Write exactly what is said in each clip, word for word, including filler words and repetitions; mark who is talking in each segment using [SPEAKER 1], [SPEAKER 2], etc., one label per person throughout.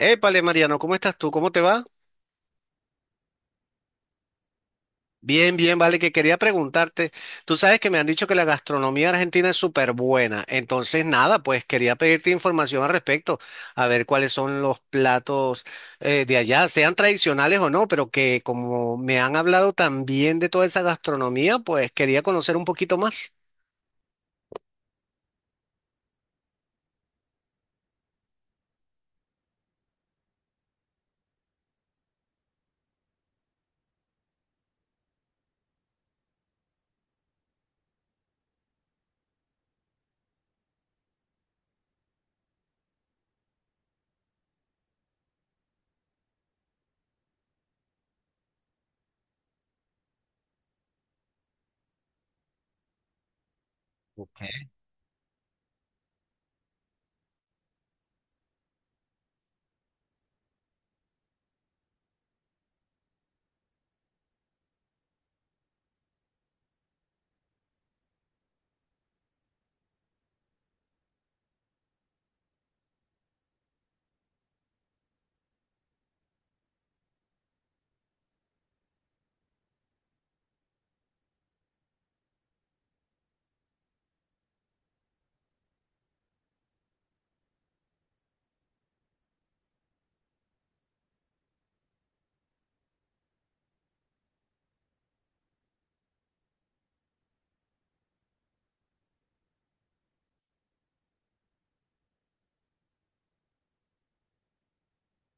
[SPEAKER 1] Épale, Mariano, ¿cómo estás tú? ¿Cómo te va? Bien, bien, vale, que quería preguntarte. Tú sabes que me han dicho que la gastronomía argentina es súper buena. Entonces, nada, pues quería pedirte información al respecto, a ver cuáles son los platos eh, de allá, sean tradicionales o no, pero que como me han hablado también de toda esa gastronomía, pues quería conocer un poquito más.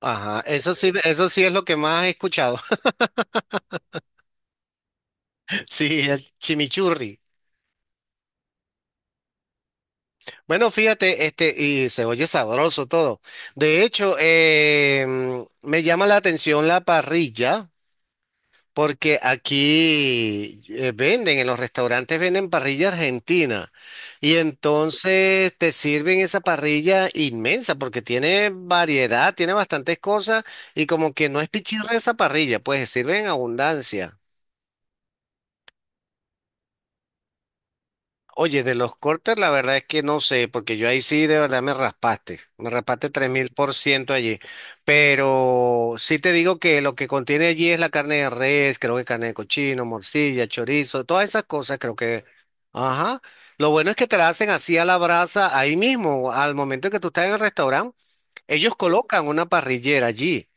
[SPEAKER 1] Ajá, eso sí, eso sí es lo que más he escuchado. Sí, el chimichurri. Bueno, fíjate, este, y se oye sabroso todo. De hecho, em, me llama la atención la parrilla, porque aquí eh, venden, en los restaurantes venden parrilla argentina. Y entonces te sirven esa parrilla inmensa, porque tiene variedad, tiene bastantes cosas, y como que no es pichirra esa parrilla, pues sirve en abundancia. Oye, de los cortes, la verdad es que no sé, porque yo ahí sí de verdad me raspaste, me raspaste tres mil por ciento allí. Pero sí te digo que lo que contiene allí es la carne de res, creo que carne de cochino, morcilla, chorizo, todas esas cosas, creo que. Ajá. Lo bueno es que te la hacen así a la brasa ahí mismo, al momento que tú estás en el restaurante, ellos colocan una parrillera allí.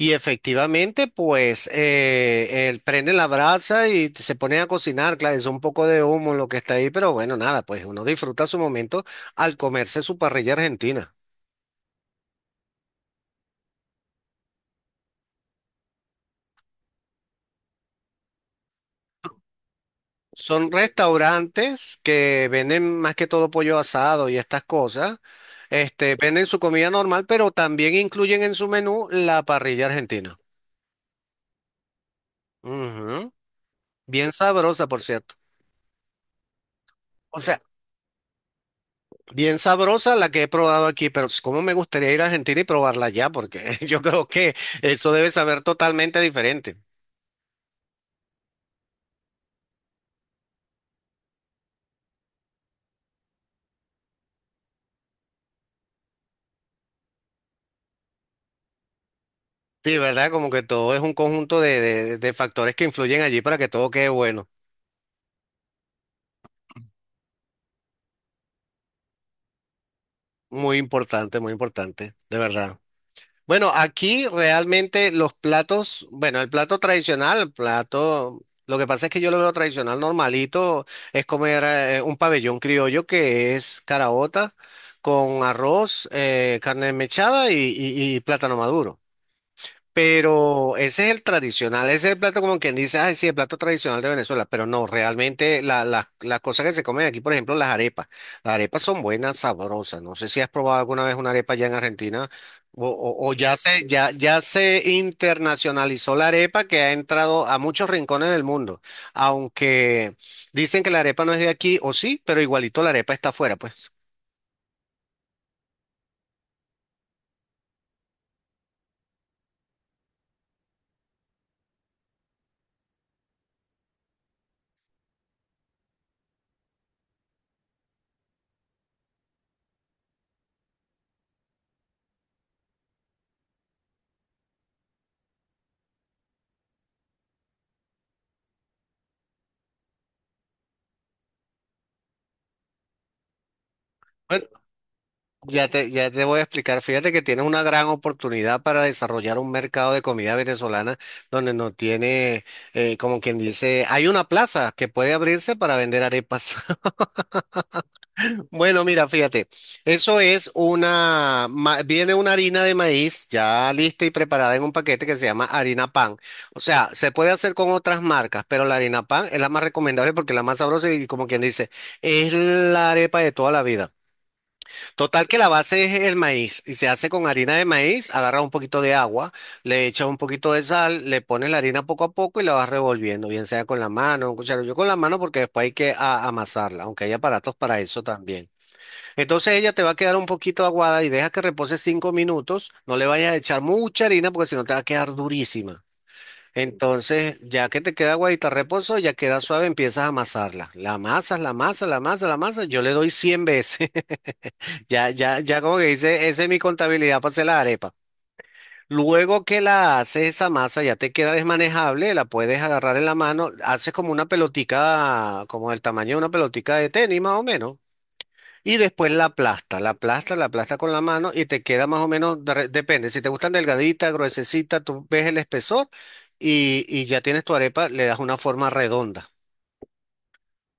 [SPEAKER 1] Y efectivamente, pues eh, él prende la brasa y se pone a cocinar. Claro, es un poco de humo lo que está ahí, pero bueno, nada, pues uno disfruta su momento al comerse su parrilla argentina. Son restaurantes que venden más que todo pollo asado y estas cosas. Este, venden su comida normal, pero también incluyen en su menú la parrilla argentina. Ujú. Bien sabrosa, por cierto. O sea, bien sabrosa la que he probado aquí, pero cómo me gustaría ir a Argentina y probarla allá, porque yo creo que eso debe saber totalmente diferente. Sí, ¿verdad? Como que todo es un conjunto de, de de factores que influyen allí para que todo quede bueno. Muy importante, muy importante, de verdad. Bueno, aquí realmente los platos, bueno, el plato tradicional, el plato, lo que pasa es que yo lo veo tradicional normalito, es comer eh, un pabellón criollo que es caraota con arroz, eh, carne mechada y, y- y plátano maduro. Pero ese es el tradicional, ese es el plato como quien dice, ay, sí, el plato tradicional de Venezuela, pero no, realmente la- la- las cosas que se comen aquí, por ejemplo, las arepas, las arepas son buenas, sabrosas, no sé si has probado alguna vez una arepa allá en Argentina o, o- o ya se, ya, ya se internacionalizó la arepa que ha entrado a muchos rincones del mundo, aunque dicen que la arepa no es de aquí, o sí, pero igualito la arepa está afuera, pues. Bueno, ya te, ya te voy a explicar. Fíjate que tienes una gran oportunidad para desarrollar un mercado de comida venezolana donde no tiene, eh, como quien dice, hay una plaza que puede abrirse para vender arepas. Bueno, mira, fíjate, eso es una, ma- viene una harina de maíz ya lista y preparada en un paquete que se llama harina pan. O sea, se puede hacer con otras marcas, pero la harina pan es la más recomendable porque es la más sabrosa y como quien dice, es la arepa de toda la vida. Total que la base es el maíz y se hace con harina de maíz, agarras un poquito de agua, le echas un poquito de sal, le pones la harina poco a poco y la vas revolviendo, bien sea con la mano, un cucharo. Yo con la mano porque después hay que a- amasarla, aunque hay aparatos para eso también. Entonces ella te va a quedar un poquito aguada y deja que repose cinco minutos, no le vayas a echar mucha harina porque si no te va a quedar durísima. Entonces, ya que te queda aguadita reposo, ya queda suave, empiezas a amasarla. La amasas, la amasas, la amasas, la amasas. Yo le doy cien veces. Ya, ya, ya como que dice, esa es mi contabilidad para hacer la arepa. Luego que la haces esa masa, ya te queda desmanejable, la puedes agarrar en la mano, haces como una pelotica, como del tamaño de una pelotica de tenis más o menos, y después la aplasta, la aplasta, la aplasta con la mano y te queda más o menos, de re- depende, si te gustan delgadita, gruesecita, tú ves el espesor y, y ya tienes tu arepa, le das una forma redonda.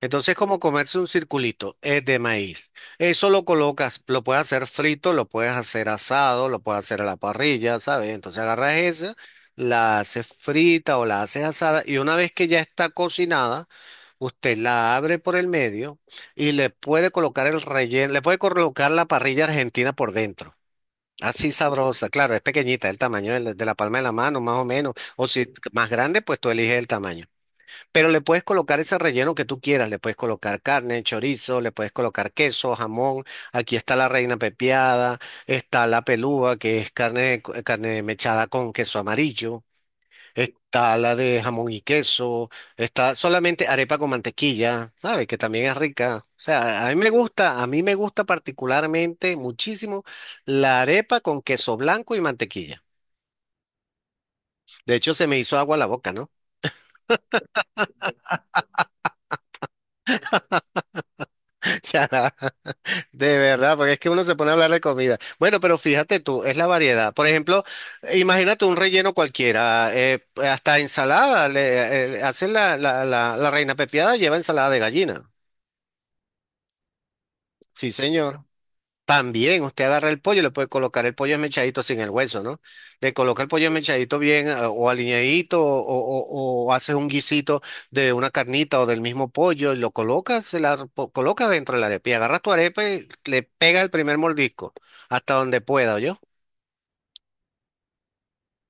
[SPEAKER 1] Entonces, como comerse un circulito, es de maíz. Eso lo colocas, lo puedes hacer frito, lo puedes hacer asado, lo puedes hacer a la parrilla, ¿sabes? Entonces agarras esa, la haces frita o la haces asada y una vez que ya está cocinada, usted la abre por el medio y le puede colocar el relleno, le puede colocar la parrilla argentina por dentro. Así sabrosa, claro, es pequeñita, el tamaño de la, de la palma de la mano, más o menos. O si más grande, pues tú eliges el tamaño. Pero le puedes colocar ese relleno que tú quieras, le puedes colocar carne, chorizo, le puedes colocar queso, jamón, aquí está la reina pepiada, está la pelúa, que es carne, co- carne mechada con queso amarillo, está la de jamón y queso, está solamente arepa con mantequilla, ¿sabes? Que también es rica. O sea, a mí me gusta, a mí me gusta particularmente muchísimo la arepa con queso blanco y mantequilla. De hecho, se me hizo agua la boca, ¿no? Ya. De verdad, porque es que uno se pone a hablar de comida. Bueno, pero fíjate tú, es la variedad. Por ejemplo, imagínate un relleno cualquiera, eh, hasta ensalada, le, eh, hacen la, la, la, la reina pepiada lleva ensalada de gallina. Sí, señor. También usted agarra el pollo, y le puede colocar el pollo esmechadito sin el hueso, ¿no? Le coloca el pollo esmechadito bien eh, o aliñadito o, o, o haces un guisito de una carnita o del mismo pollo y lo colocas, se la po- colocas dentro de la arepa y agarras tu arepa y le pegas el primer mordisco hasta donde pueda, yo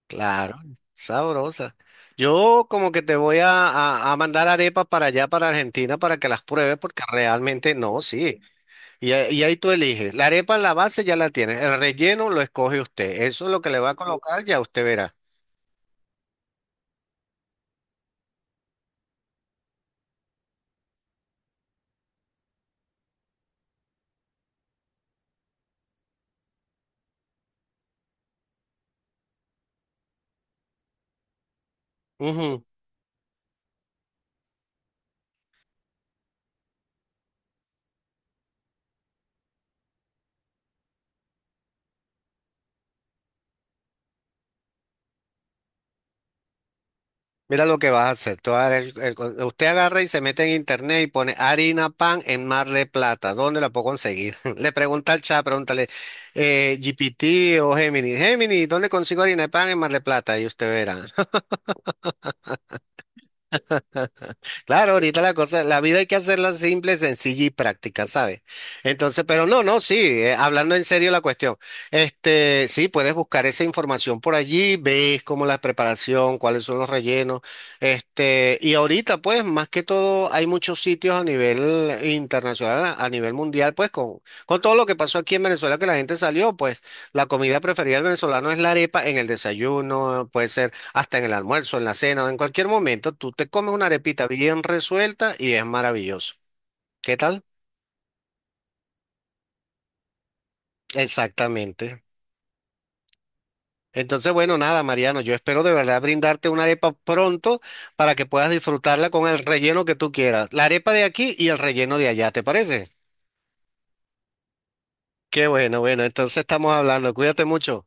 [SPEAKER 1] Claro, sabrosa. Yo como que te voy a, a, a mandar arepas para allá, para Argentina, para que las pruebes porque realmente no, sí. Y, a- y ahí tú eliges. La arepa, la base ya la tienes. El relleno lo escoge usted. Eso es lo que le va a colocar, ya usted verá. Ujú. Mira lo que vas a hacer. Tú agarra el- el- co- usted agarra y se mete en internet y pone harina pan en Mar de Plata. ¿Dónde la puedo conseguir? Le pregunta al chat, pregúntale eh, G P T o Gemini. Gemini, ¿dónde consigo harina de pan en Mar de Plata? Y usted verá. Claro, ahorita la cosa, la vida hay que hacerla simple, sencilla y práctica, ¿sabes? Entonces, pero no, no, sí, eh, hablando en serio la cuestión, este, sí, puedes buscar esa información por allí, ves cómo la preparación, cuáles son los rellenos, este, y ahorita, pues, más que todo, hay muchos sitios a nivel internacional, a a nivel mundial, pues, con, con todo lo que pasó aquí en Venezuela, que la gente salió, pues, la comida preferida del venezolano es la arepa en el desayuno, puede ser hasta en el almuerzo, en la cena, o en cualquier momento, tú te comes una arepita bien resuelta y es maravilloso. ¿Qué tal? Exactamente. Entonces, bueno, nada, Mariano, yo espero de verdad brindarte una arepa pronto para que puedas disfrutarla con el relleno que tú quieras. La arepa de aquí y el relleno de allá, ¿te parece? Qué bueno, bueno, entonces estamos hablando. Cuídate mucho.